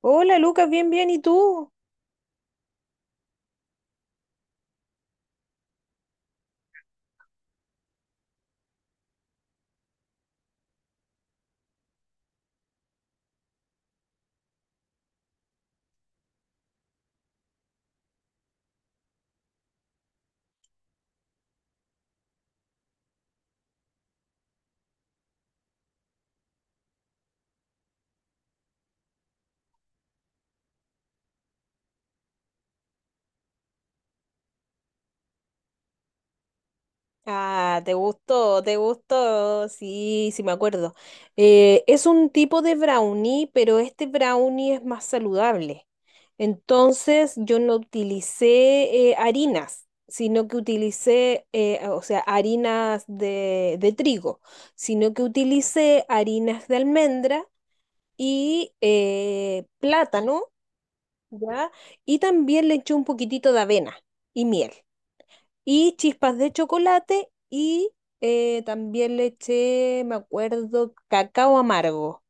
Hola Lucas, bien, bien, ¿y tú? Ah, te gustó, te gustó. Sí, sí me acuerdo. Es un tipo de brownie, pero este brownie es más saludable. Entonces yo no utilicé harinas, sino que utilicé, o sea, harinas de trigo, sino que utilicé harinas de almendra y plátano, ¿ya? Y también le eché un poquitito de avena y miel. Y chispas de chocolate y también le eché, me acuerdo, cacao amargo,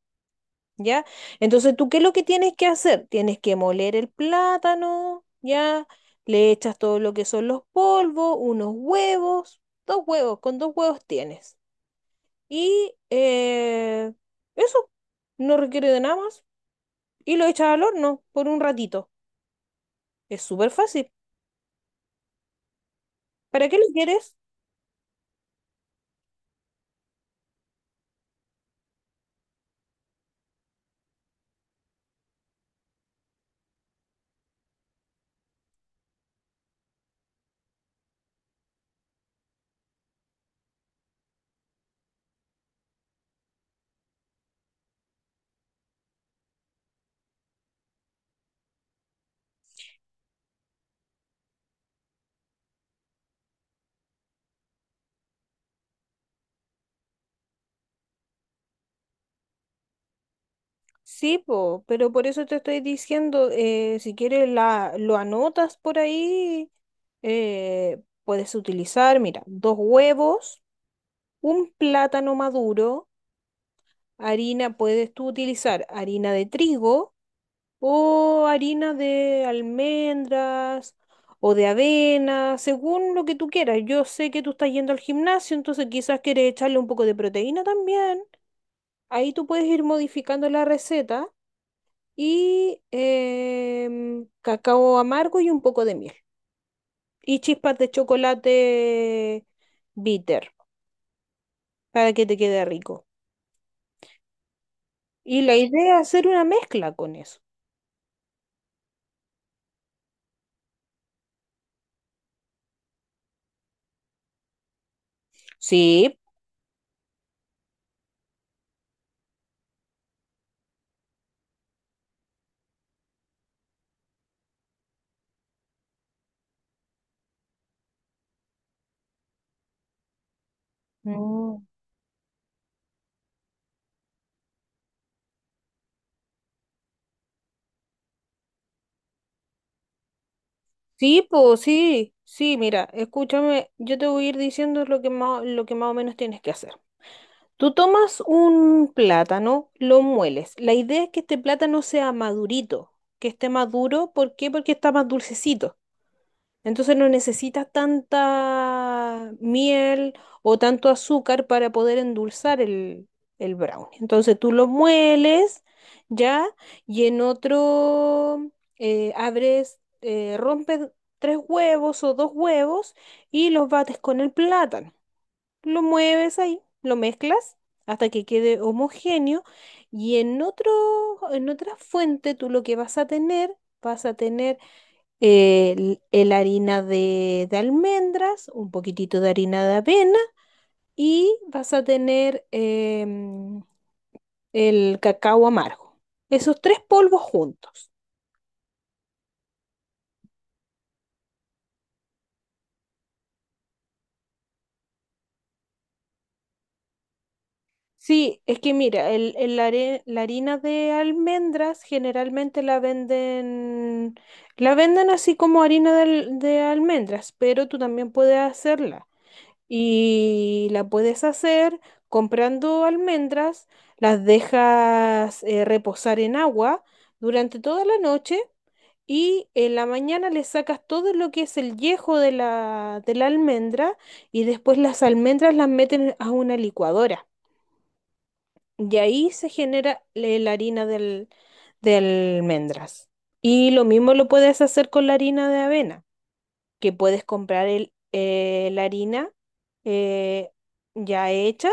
¿ya? Entonces, ¿tú qué es lo que tienes que hacer? Tienes que moler el plátano, ¿ya? Le echas todo lo que son los polvos, unos huevos, dos huevos, con dos huevos tienes. Y eso no requiere de nada más. Y lo echas al horno por un ratito. Es súper fácil. ¿Para qué lo quieres? Sí, po, pero por eso te estoy diciendo, si quieres la, lo anotas por ahí, puedes utilizar, mira, dos huevos, un plátano maduro, harina, puedes tú utilizar harina de trigo o harina de almendras o de avena, según lo que tú quieras. Yo sé que tú estás yendo al gimnasio, entonces quizás quieres echarle un poco de proteína también. Ahí tú puedes ir modificando la receta. Y cacao amargo y un poco de miel. Y chispas de chocolate bitter para que te quede rico. Y la idea es hacer una mezcla con eso. Sí. Mm. Sí, pues sí, mira, escúchame, yo te voy a ir diciendo lo que más o menos tienes que hacer. Tú tomas un plátano, lo mueles. La idea es que este plátano sea madurito, que esté maduro. ¿Por qué? Porque está más dulcecito. Entonces no necesitas tanta miel o tanto azúcar para poder endulzar el brownie. Entonces tú lo mueles ya y en otro rompes tres huevos o dos huevos y los bates con el plátano. Lo mueves ahí, lo mezclas hasta que quede homogéneo y en otra fuente tú lo que vas a tener el harina de almendras, un poquitito de harina de avena y vas a tener el cacao amargo. Esos tres polvos juntos. Sí, es que mira, la harina de almendras generalmente la venden así como harina de almendras, pero tú también puedes hacerla. Y la puedes hacer comprando almendras, las dejas reposar en agua durante toda la noche y en la mañana le sacas todo lo que es el yejo de de la almendra y después las almendras las meten a una licuadora y ahí se genera la harina del, de almendras. Y lo mismo lo puedes hacer con la harina de avena que puedes comprar la harina eh, ya hecha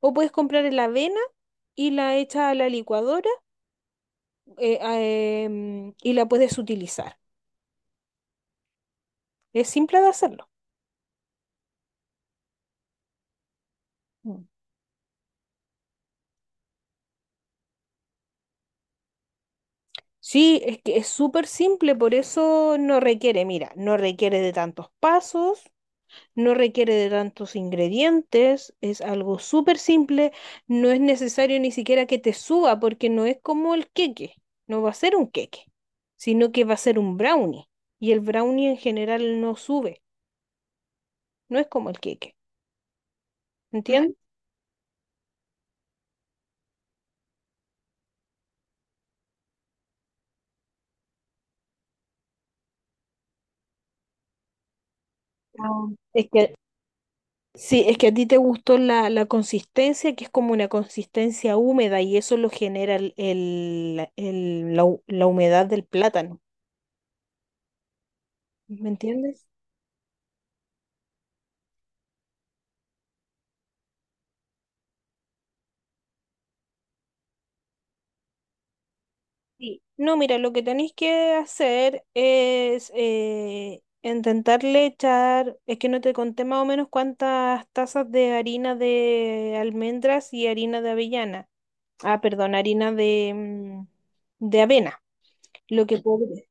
o puedes comprar la avena y la hecha a la licuadora y la puedes utilizar. Es simple de hacerlo. Mm. Sí, es que es súper simple, por eso no requiere, mira, no requiere de tantos pasos, no requiere de tantos ingredientes, es algo súper simple, no es necesario ni siquiera que te suba porque no es como el queque, no va a ser un queque, sino que va a ser un brownie y el brownie en general no sube, no es como el queque, ¿entiendes? No. Es que sí, es que a ti te gustó la consistencia, que es como una consistencia húmeda y eso lo genera la humedad del plátano, ¿me entiendes? Sí. No, mira, lo que tenéis que hacer es intentarle echar, es que no te conté más o menos cuántas tazas de harina de almendras y harina de avellana. Ah, perdón, harina de, de avena. Lo que puedes.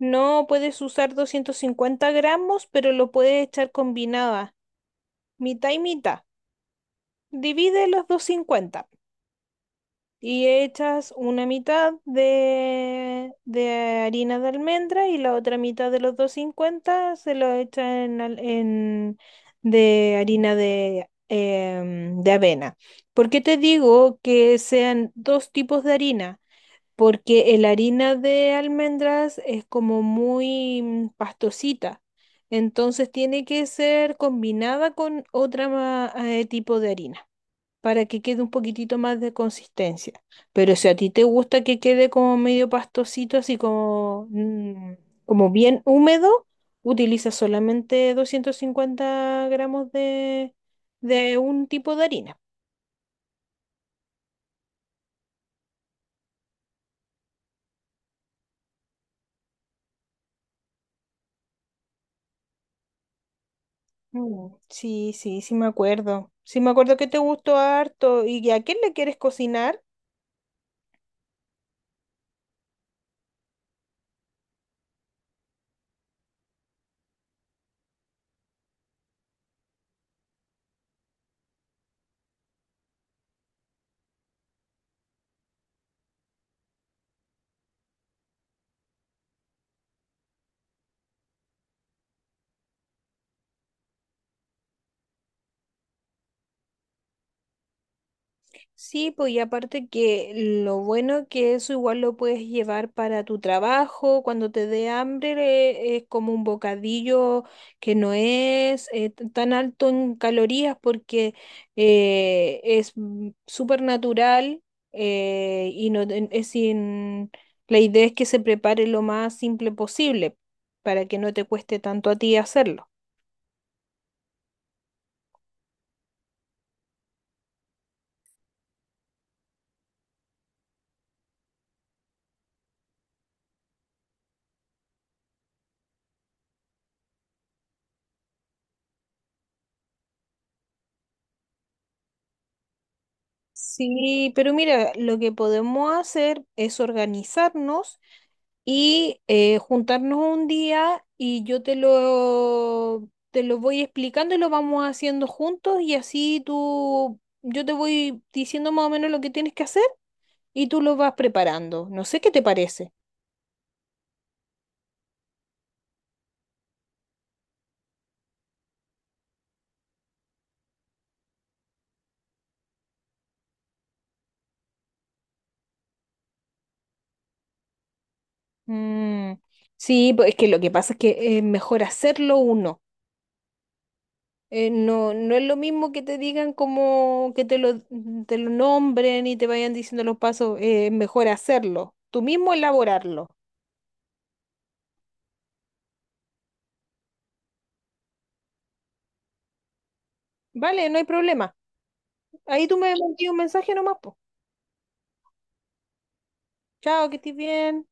No puedes usar 250 gramos, pero lo puedes echar combinada, mitad y mitad. Divide los 250. Y echas una mitad de harina de almendra y la otra mitad de los 250 se lo echas de harina de avena. ¿Por qué te digo que sean dos tipos de harina? Porque la harina de almendras es como muy pastosita. Entonces tiene que ser combinada con otra tipo de harina para que quede un poquitito más de consistencia. Pero si a ti te gusta que quede como medio pastosito, así como, como bien húmedo, utiliza solamente 250 gramos de un tipo de harina. Mm, sí, sí, sí me acuerdo. Sí me acuerdo que te gustó harto. ¿Y a quién le quieres cocinar? Sí, pues y aparte que lo bueno que eso igual lo puedes llevar para tu trabajo, cuando te dé hambre, es como un bocadillo que no es tan alto en calorías porque súper natural y es sin, la idea es que se prepare lo más simple posible para que no te cueste tanto a ti hacerlo. Sí, pero mira, lo que podemos hacer es organizarnos y juntarnos un día y yo te lo voy explicando y lo vamos haciendo juntos y así tú, yo te voy diciendo más o menos lo que tienes que hacer y tú lo vas preparando. No sé qué te parece. Mm, sí, pues es que lo que pasa es que es mejor hacerlo uno. No es lo mismo que te digan como que te lo nombren y te vayan diciendo los pasos, es mejor hacerlo, tú mismo elaborarlo. Vale, no hay problema. Ahí tú me envías un mensaje nomás, po. Chao, que estés bien.